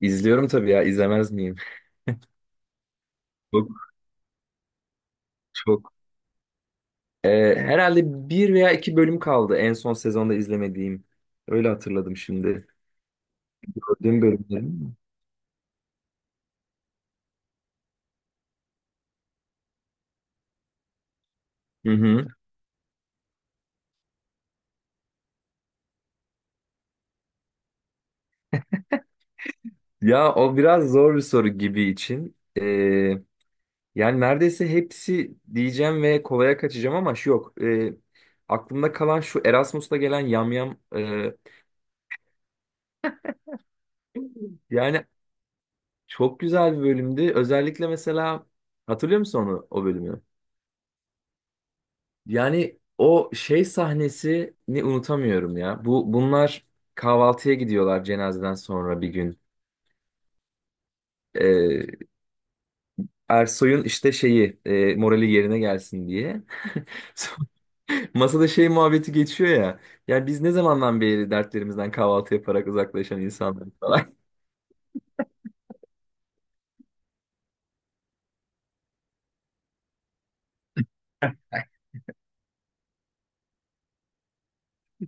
İzliyorum tabii ya, izlemez miyim? Çok çok. Herhalde bir veya iki bölüm kaldı en son sezonda izlemediğim. Öyle hatırladım şimdi. Gördüğüm bölümler mi? Hı hı. Ya o biraz zor bir soru gibi için. Yani neredeyse hepsi diyeceğim ve kolaya kaçacağım ama şu yok. Aklımda kalan şu Erasmus'ta gelen yamyam. Yani çok güzel bir bölümdü. Özellikle mesela hatırlıyor musun onu, o bölümü? Yani o şey sahnesini unutamıyorum ya. Bunlar kahvaltıya gidiyorlar cenazeden sonra bir gün. Ee, Ersoy'un işte şeyi morali yerine gelsin diye. Sonra masada şey muhabbeti geçiyor ya. Yani biz ne zamandan beri dertlerimizden kahvaltı yaparak uzaklaşan insanlar falan.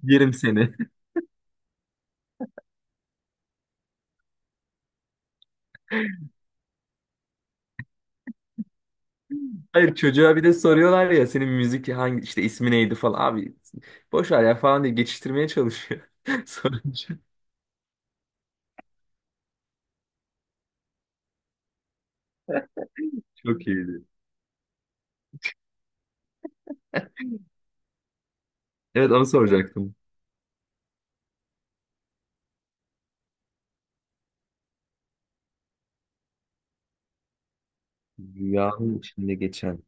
Yerim seni. Hayır, çocuğa bir de soruyorlar ya senin müzik hangi işte ismi neydi falan. Abi boş ver ya falan diye geçiştirmeye çalışıyor. Sorunca çok iyiydi. Evet, onu soracaktım. Rüyanın içinde geçen.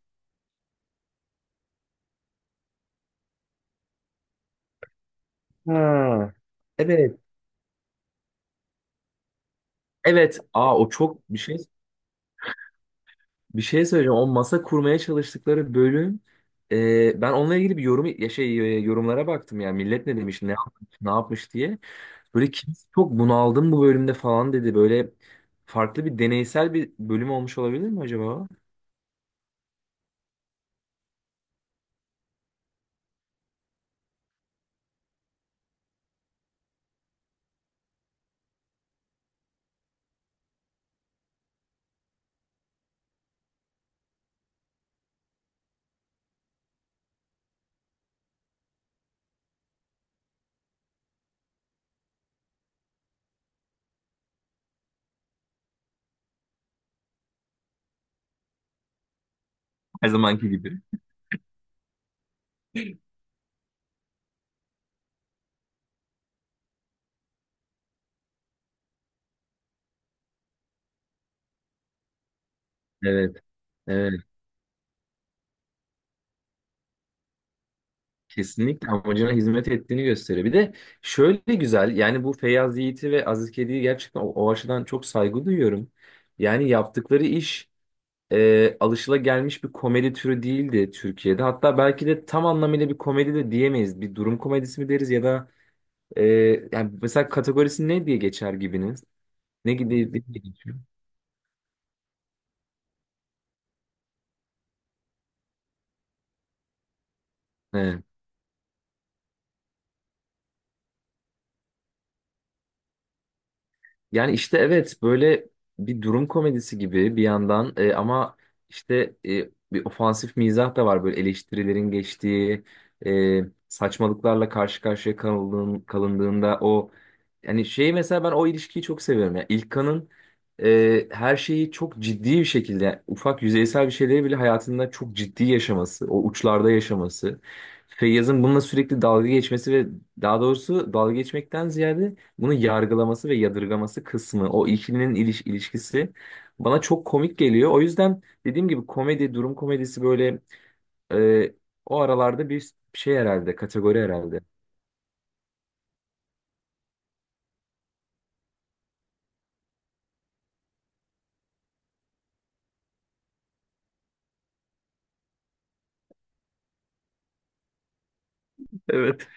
Ha. Evet. Evet. Aa o çok bir şey, bir şey söyleyeceğim. O masa kurmaya çalıştıkları bölüm, ben onunla ilgili bir yorum ya şey yorumlara baktım yani millet ne demiş, ne yapmış, ne yapmış diye. Böyle kimse çok bunaldım bu bölümde falan dedi. Böyle farklı bir, deneysel bir bölüm olmuş olabilir mi acaba? Her zamanki gibi. Evet. Evet. Kesinlikle amacına hizmet ettiğini gösteriyor. Bir de şöyle güzel yani bu Feyyaz Yiğit'i ve Aziz Kedi'yi gerçekten o, o açıdan çok saygı duyuyorum. Yani yaptıkları iş alışılagelmiş bir komedi türü değildi Türkiye'de. Hatta belki de tam anlamıyla bir komedi de diyemeyiz. Bir durum komedisi mi deriz ya da e, yani mesela kategorisi ne diye geçer gibiniz? Ne gibi diye geçiyor? He. Yani işte evet, böyle bir durum komedisi gibi bir yandan, ama işte bir ofansif mizah da var, böyle eleştirilerin geçtiği, e, saçmalıklarla karşı karşıya kalındığında o yani şeyi mesela ben o ilişkiyi çok seviyorum ya, İlkan'ın her şeyi çok ciddi bir şekilde, yani ufak yüzeysel bir şeyleri bile hayatında çok ciddi yaşaması, o uçlarda yaşaması, Feyyaz'ın bununla sürekli dalga geçmesi ve daha doğrusu dalga geçmekten ziyade bunu yargılaması ve yadırgaması kısmı, o ikilinin ilişkisi bana çok komik geliyor. O yüzden dediğim gibi komedi, durum komedisi böyle e, o aralarda bir şey herhalde, kategori herhalde. Evet.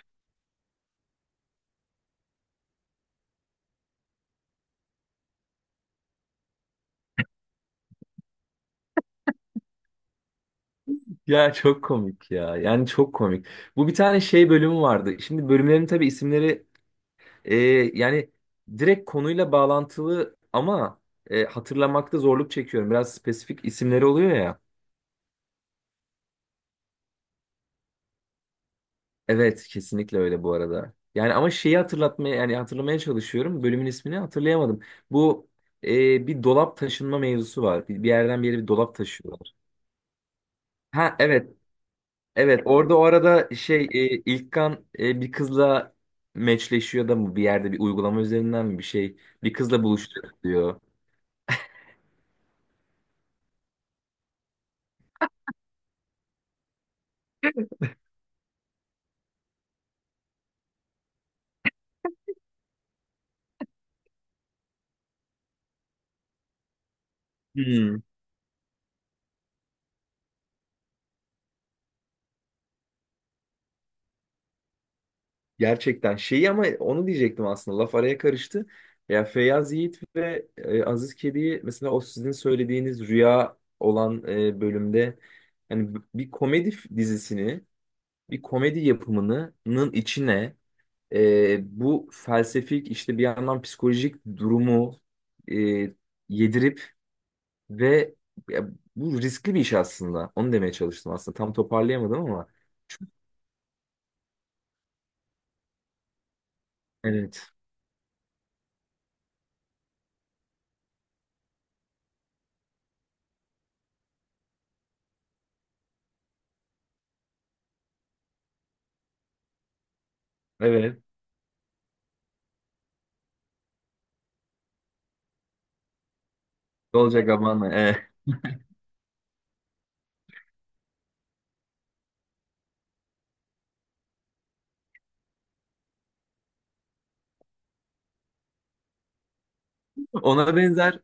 Ya çok komik ya. Yani çok komik. Bu bir tane şey bölümü vardı. Şimdi bölümlerin tabii isimleri e, yani direkt konuyla bağlantılı ama hatırlamakta zorluk çekiyorum. Biraz spesifik isimleri oluyor ya. Evet, kesinlikle öyle bu arada. Yani ama şeyi hatırlatmaya, yani hatırlamaya çalışıyorum. Bölümün ismini hatırlayamadım. Bu bir dolap taşınma mevzusu var. Bir yerden bir yere bir dolap taşıyorlar. Ha evet. Evet, orada o arada şey İlkan bir kızla meçleşiyor da mı, bir yerde bir uygulama üzerinden mi, bir şey bir kızla buluşacak diyor. Hmm. Gerçekten şeyi, ama onu diyecektim aslında, laf araya karıştı. Ya Feyyaz Yiğit ve Aziz Kedi'yi mesela o sizin söylediğiniz rüya olan bölümde hani bir komedi dizisini, bir komedi yapımının içine bu felsefik işte bir yandan psikolojik durumu e, yedirip ve ya bu riskli bir iş aslında. Onu demeye çalıştım aslında. Tam toparlayamadım ama. Evet. Evet. Dolce Gabbana. Evet. Ona benzer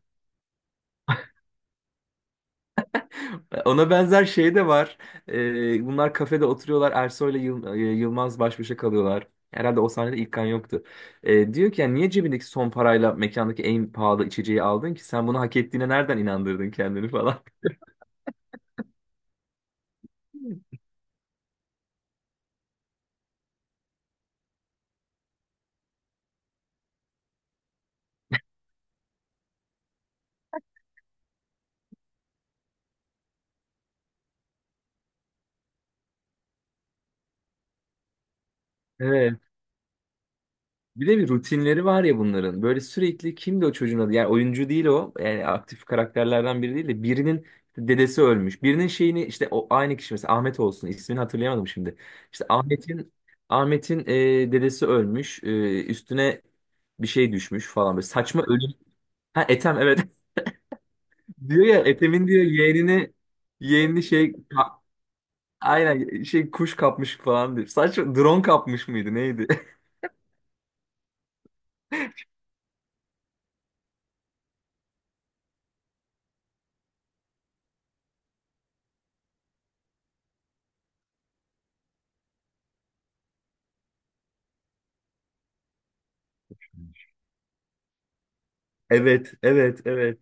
Ona benzer şey de var. Bunlar kafede oturuyorlar. Ersoy'la Yılmaz baş başa kalıyorlar. Herhalde o sahnede İlkan yoktu. Diyor ki yani niye cebindeki son parayla mekandaki en pahalı içeceği aldın ki? Sen bunu hak ettiğine nereden inandırdın kendini falan. Bir de bir rutinleri var ya bunların. Böyle sürekli kimdi o çocuğun adı? Yani oyuncu değil o. Yani aktif karakterlerden biri değil de birinin işte dedesi ölmüş. Birinin şeyini işte o aynı kişi mesela Ahmet olsun. İsmini hatırlayamadım şimdi. İşte Ahmet'in dedesi ölmüş. E, üstüne bir şey düşmüş falan, böyle saçma ölüm. Ha Ethem, evet. Diyor ya Ethem'in diyor yeğenini, yeğenini şey ka- aynen şey kuş kapmış falan diyor. Saçma, drone kapmış mıydı neydi? Evet, evet, evet.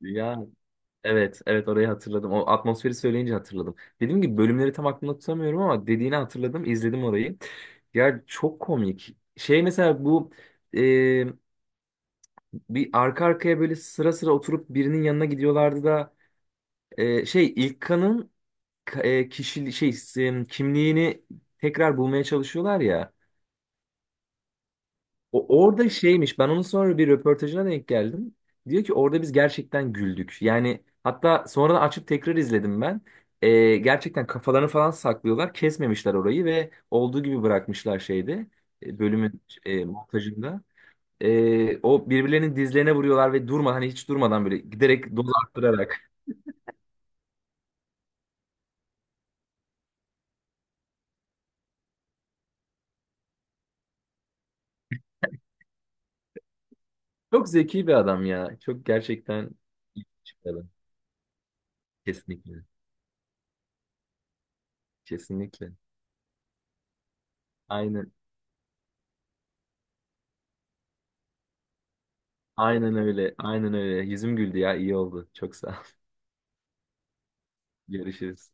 Ya evet, evet orayı hatırladım. O atmosferi söyleyince hatırladım. Dediğim gibi bölümleri tam aklımda tutamıyorum ama dediğini hatırladım, izledim orayı. Ya çok komik. Şey mesela bu e, bir arka arkaya böyle sıra sıra oturup birinin yanına gidiyorlardı da şey İlkan'ın kişi kimliğini tekrar bulmaya çalışıyorlar ya. Orada şeymiş, ben onun sonra bir röportajına denk geldim. Diyor ki orada biz gerçekten güldük. Yani hatta sonradan açıp tekrar izledim ben. Gerçekten kafalarını falan saklıyorlar. Kesmemişler orayı ve olduğu gibi bırakmışlar şeyde. Bölümün montajında. O birbirlerinin dizlerine vuruyorlar ve durma hani hiç durmadan, böyle giderek doz arttırarak. Çok zeki bir adam ya. Çok gerçekten iyi bir adam. Kesinlikle. Kesinlikle. Aynen. Aynen öyle. Aynen öyle. Yüzüm güldü ya. İyi oldu. Çok sağ. Görüşürüz.